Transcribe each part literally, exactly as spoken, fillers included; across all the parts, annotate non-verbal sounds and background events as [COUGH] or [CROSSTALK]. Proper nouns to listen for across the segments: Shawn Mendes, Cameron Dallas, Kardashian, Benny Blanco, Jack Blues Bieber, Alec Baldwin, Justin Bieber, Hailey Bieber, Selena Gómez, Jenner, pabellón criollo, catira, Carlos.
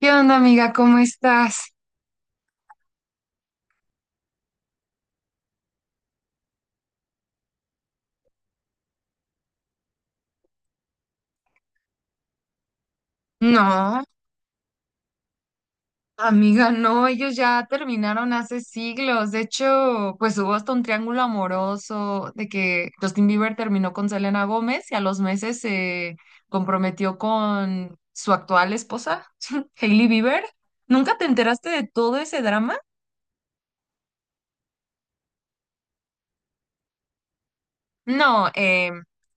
¿Qué onda, amiga? ¿Cómo estás? No, amiga, no, ellos ya terminaron hace siglos. De hecho, pues hubo hasta un triángulo amoroso de que Justin Bieber terminó con Selena Gómez y a los meses se comprometió con su actual esposa, [LAUGHS] Hailey Bieber. ¿Nunca te enteraste de todo ese drama? No, eh,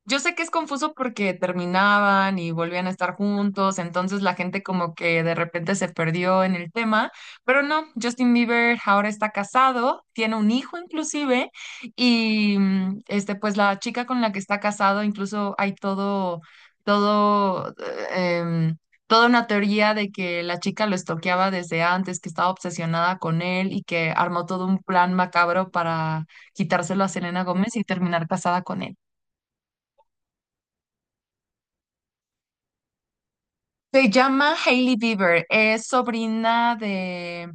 yo sé que es confuso porque terminaban y volvían a estar juntos, entonces la gente como que de repente se perdió en el tema, pero no, Justin Bieber ahora está casado, tiene un hijo inclusive, y mm, este, pues la chica con la que está casado, incluso hay todo, todo, eh, em, toda una teoría de que la chica lo estoqueaba desde antes, que estaba obsesionada con él y que armó todo un plan macabro para quitárselo a Selena Gómez y terminar casada con él. Se llama Hailey Bieber, es sobrina de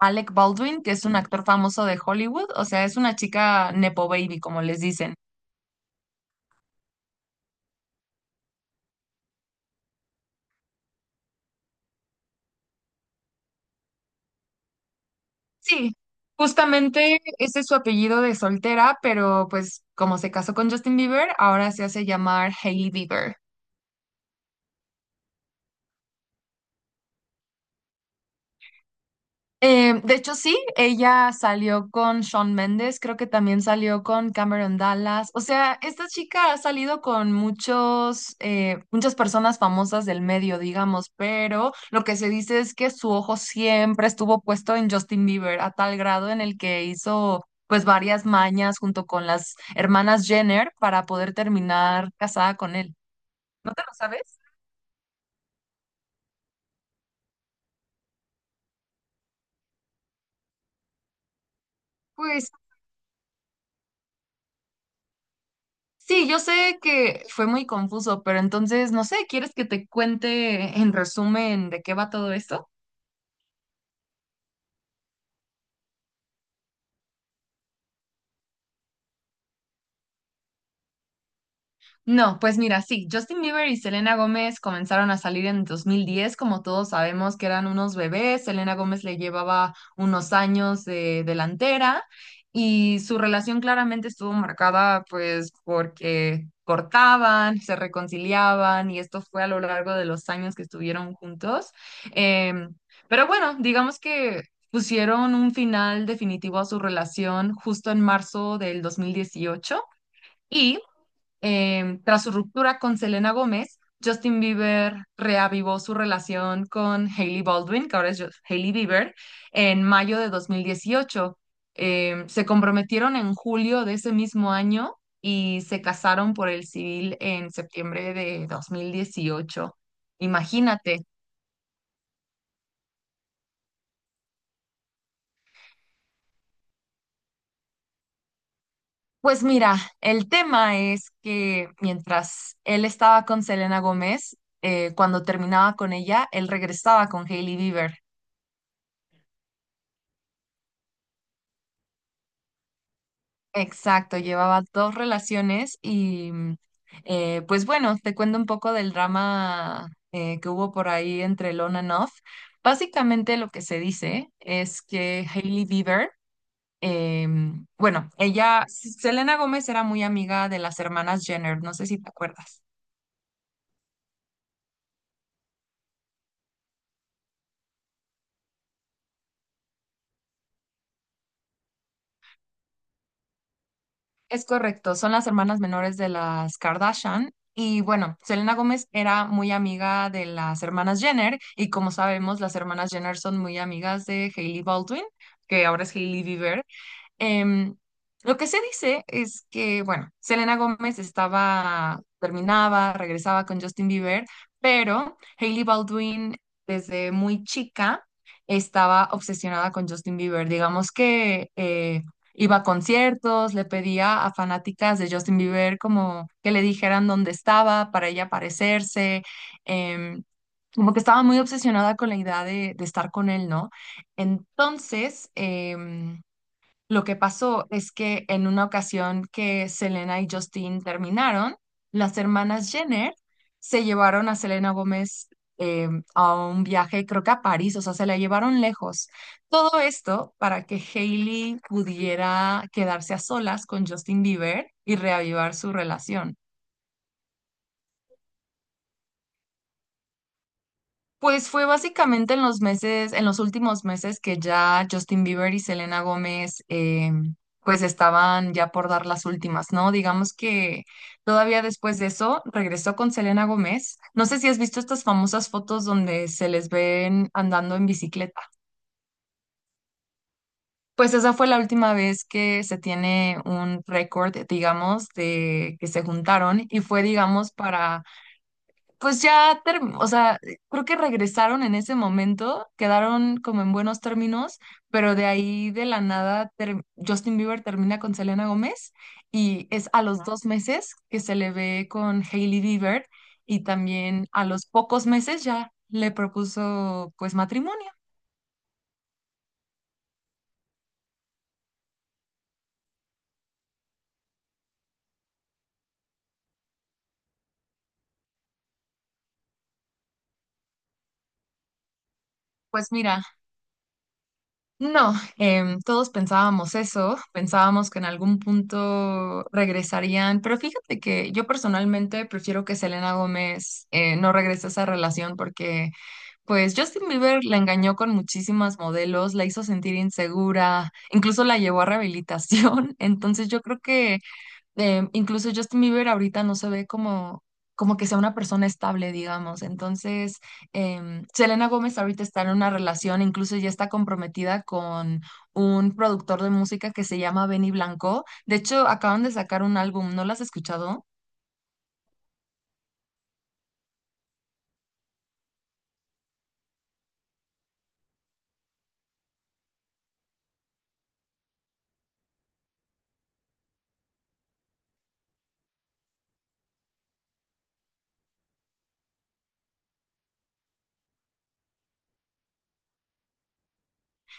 Alec Baldwin, que es un actor famoso de Hollywood, o sea, es una chica nepo baby, como les dicen. Sí, justamente ese es su apellido de soltera, pero pues como se casó con Justin Bieber, ahora se hace llamar Hailey Bieber. Eh, de hecho, sí, ella salió con Shawn Mendes, creo que también salió con Cameron Dallas. O sea, esta chica ha salido con muchos, eh, muchas personas famosas del medio, digamos, pero lo que se dice es que su ojo siempre estuvo puesto en Justin Bieber, a tal grado en el que hizo pues varias mañas junto con las hermanas Jenner para poder terminar casada con él. ¿No te lo sabes? Pues sí, yo sé que fue muy confuso, pero entonces, no sé, ¿quieres que te cuente en resumen de qué va todo esto? No, pues mira, sí, Justin Bieber y Selena Gómez comenzaron a salir en dos mil diez, como todos sabemos que eran unos bebés, Selena Gómez le llevaba unos años de delantera y su relación claramente estuvo marcada pues porque cortaban, se reconciliaban y esto fue a lo largo de los años que estuvieron juntos. Em, pero bueno, digamos que pusieron un final definitivo a su relación justo en marzo del dos mil dieciocho. Y Em, tras su ruptura con Selena Gómez, Justin Bieber reavivó su relación con Hailey Baldwin, que ahora es Ju- Hailey Bieber, en mayo de dos mil dieciocho. Em, se comprometieron en julio de ese mismo año y se casaron por el civil en septiembre de dos mil dieciocho. Imagínate. Pues mira, el tema es que mientras él estaba con Selena Gómez, eh, cuando terminaba con ella, él regresaba con Hailey Bieber. Exacto, llevaba dos relaciones y mm, eh, pues bueno, te cuento un poco del drama eh, que hubo por ahí entre Lon and Off. Básicamente lo que se dice es que Hailey Bieber, em, bueno, ella, Selena Gómez era muy amiga de las hermanas Jenner, no sé si te acuerdas. Es correcto, son las hermanas menores de las Kardashian. Y bueno, Selena Gómez era muy amiga de las hermanas Jenner y como sabemos, las hermanas Jenner son muy amigas de Hailey Baldwin, que ahora es Hailey Bieber. Em, lo que se dice es que, bueno, Selena Gómez estaba, terminaba, regresaba con Justin Bieber, pero Hailey Baldwin desde muy chica estaba obsesionada con Justin Bieber. Digamos que eh, iba a conciertos, le pedía a fanáticas de Justin Bieber como que le dijeran dónde estaba para ella aparecerse. em, Como que estaba muy obsesionada con la idea de, de estar con él, ¿no? Entonces, em, lo que pasó es que en una ocasión que Selena y Justin terminaron, las hermanas Jenner se llevaron a Selena Gómez eh, a un viaje, creo que a París, o sea, se la llevaron lejos. Todo esto para que Hailey pudiera quedarse a solas con Justin Bieber y reavivar su relación. Pues fue básicamente en los meses, en los últimos meses que ya Justin Bieber y Selena Gómez eh, pues estaban ya por dar las últimas, ¿no? Digamos que todavía después de eso regresó con Selena Gómez. No sé si has visto estas famosas fotos donde se les ven andando en bicicleta. Pues esa fue la última vez que se tiene un récord, digamos, de que se juntaron y fue, digamos, para pues ya, term- o sea, creo que regresaron en ese momento, quedaron como en buenos términos, pero de ahí de la nada ter- Justin Bieber termina con Selena Gómez y es a los dos meses que se le ve con Hailey Bieber y también a los pocos meses ya le propuso pues matrimonio. Pues mira, no, em, todos pensábamos eso, pensábamos que en algún punto regresarían, pero fíjate que yo personalmente prefiero que Selena Gómez eh, no regrese a esa relación porque pues Justin Bieber la engañó con muchísimas modelos, la hizo sentir insegura, incluso la llevó a rehabilitación, [LAUGHS] entonces yo creo que eh, incluso Justin Bieber ahorita no se ve como, como que sea una persona estable, digamos. Entonces, em, Selena Gómez ahorita está en una relación, incluso ya está comprometida con un productor de música que se llama Benny Blanco. De hecho, acaban de sacar un álbum, ¿no lo has escuchado?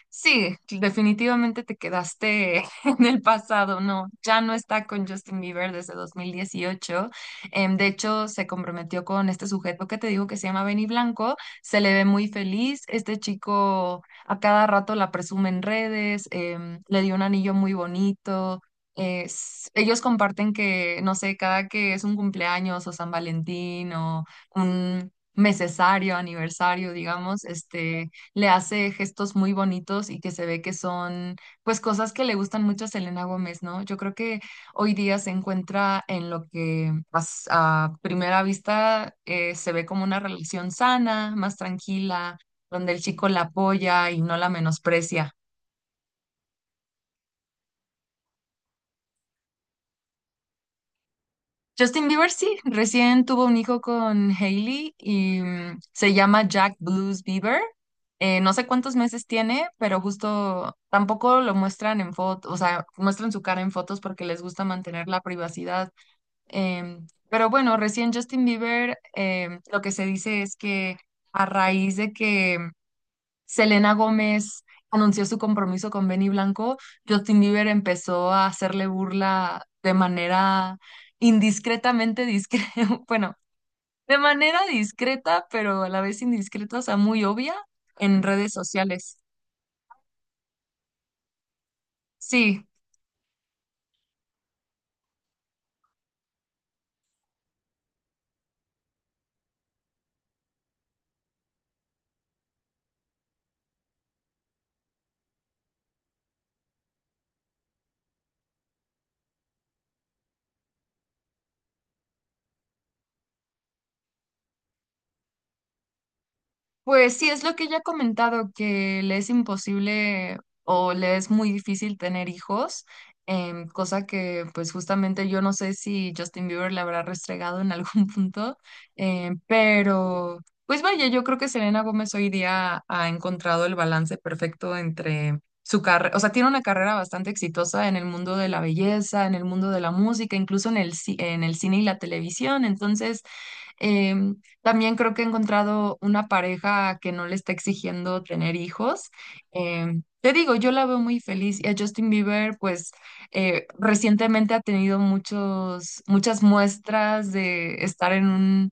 Sí, definitivamente te quedaste [LAUGHS] en el pasado, no, ya no está con Justin Bieber desde dos mil dieciocho. Em, de hecho, se comprometió con este sujeto que te digo que se llama Benny Blanco, se le ve muy feliz, este chico a cada rato la presume en redes, em, le dio un anillo muy bonito. Es- ellos comparten que, no sé, cada que es un cumpleaños o San Valentín o un... mesesario, aniversario, digamos, este, le hace gestos muy bonitos y que se ve que son pues cosas que le gustan mucho a Selena Gómez, ¿no? Yo creo que hoy día se encuentra en lo que as- a primera vista eh, se ve como una relación sana, más tranquila, donde el chico la apoya y no la menosprecia. Justin Bieber sí, recién tuvo un hijo con Hailey y mm, se llama Jack Blues Bieber. Eh, no sé cuántos meses tiene, pero justo tampoco lo muestran en fotos, o sea, muestran su cara en fotos porque les gusta mantener la privacidad. Em, pero bueno, recién Justin Bieber, em, lo que se dice es que a raíz de que Selena Gómez anunció su compromiso con Benny Blanco, Justin Bieber empezó a hacerle burla de manera indiscretamente discreta, [LAUGHS] bueno, de manera discreta, pero a la vez indiscreta, o sea, muy obvia en redes sociales. Sí, pues sí, es lo que ella ha comentado, que le es imposible o le es muy difícil tener hijos, em, cosa que pues justamente yo no sé si Justin Bieber le habrá restregado en algún [LAUGHS] punto, em, pero pues vaya, yo creo que Selena Gómez hoy día ha encontrado el balance perfecto entre su carrera, o sea, tiene una carrera bastante exitosa en el mundo de la belleza, en el mundo de la música, incluso en el, ci- en el cine y la televisión, entonces... Em, También creo que he encontrado una pareja que no le está exigiendo tener hijos. Em, te digo, yo la veo muy feliz y a Justin Bieber, pues eh, recientemente ha tenido muchos, muchas muestras de estar en un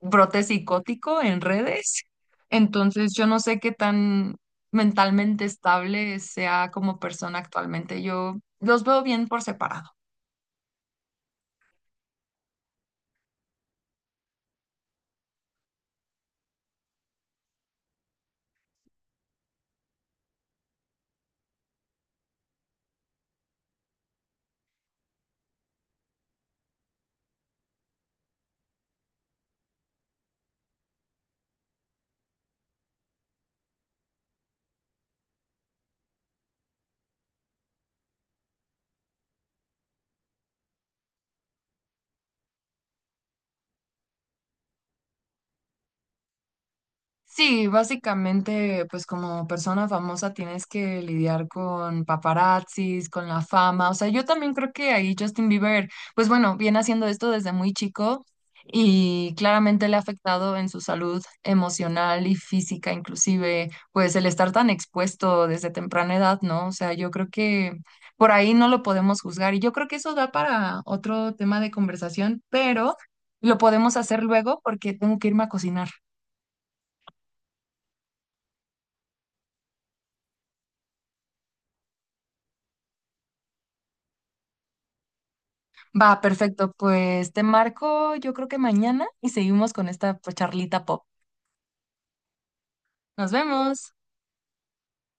brote psicótico en redes. Entonces, yo no sé qué tan mentalmente estable sea como persona actualmente. Yo los veo bien por separado. Sí, básicamente, pues como persona famosa tienes que lidiar con paparazzis, con la fama. O sea, yo también creo que ahí Justin Bieber, pues bueno, viene haciendo esto desde muy chico y claramente le ha afectado en su salud emocional y física, inclusive, pues el estar tan expuesto desde temprana edad, ¿no? O sea, yo creo que por ahí no lo podemos juzgar y yo creo que eso da para otro tema de conversación, pero lo podemos hacer luego porque tengo que irme a cocinar. Va, perfecto. Pues te marco, yo creo que mañana y seguimos con esta pues, charlita pop. Nos vemos.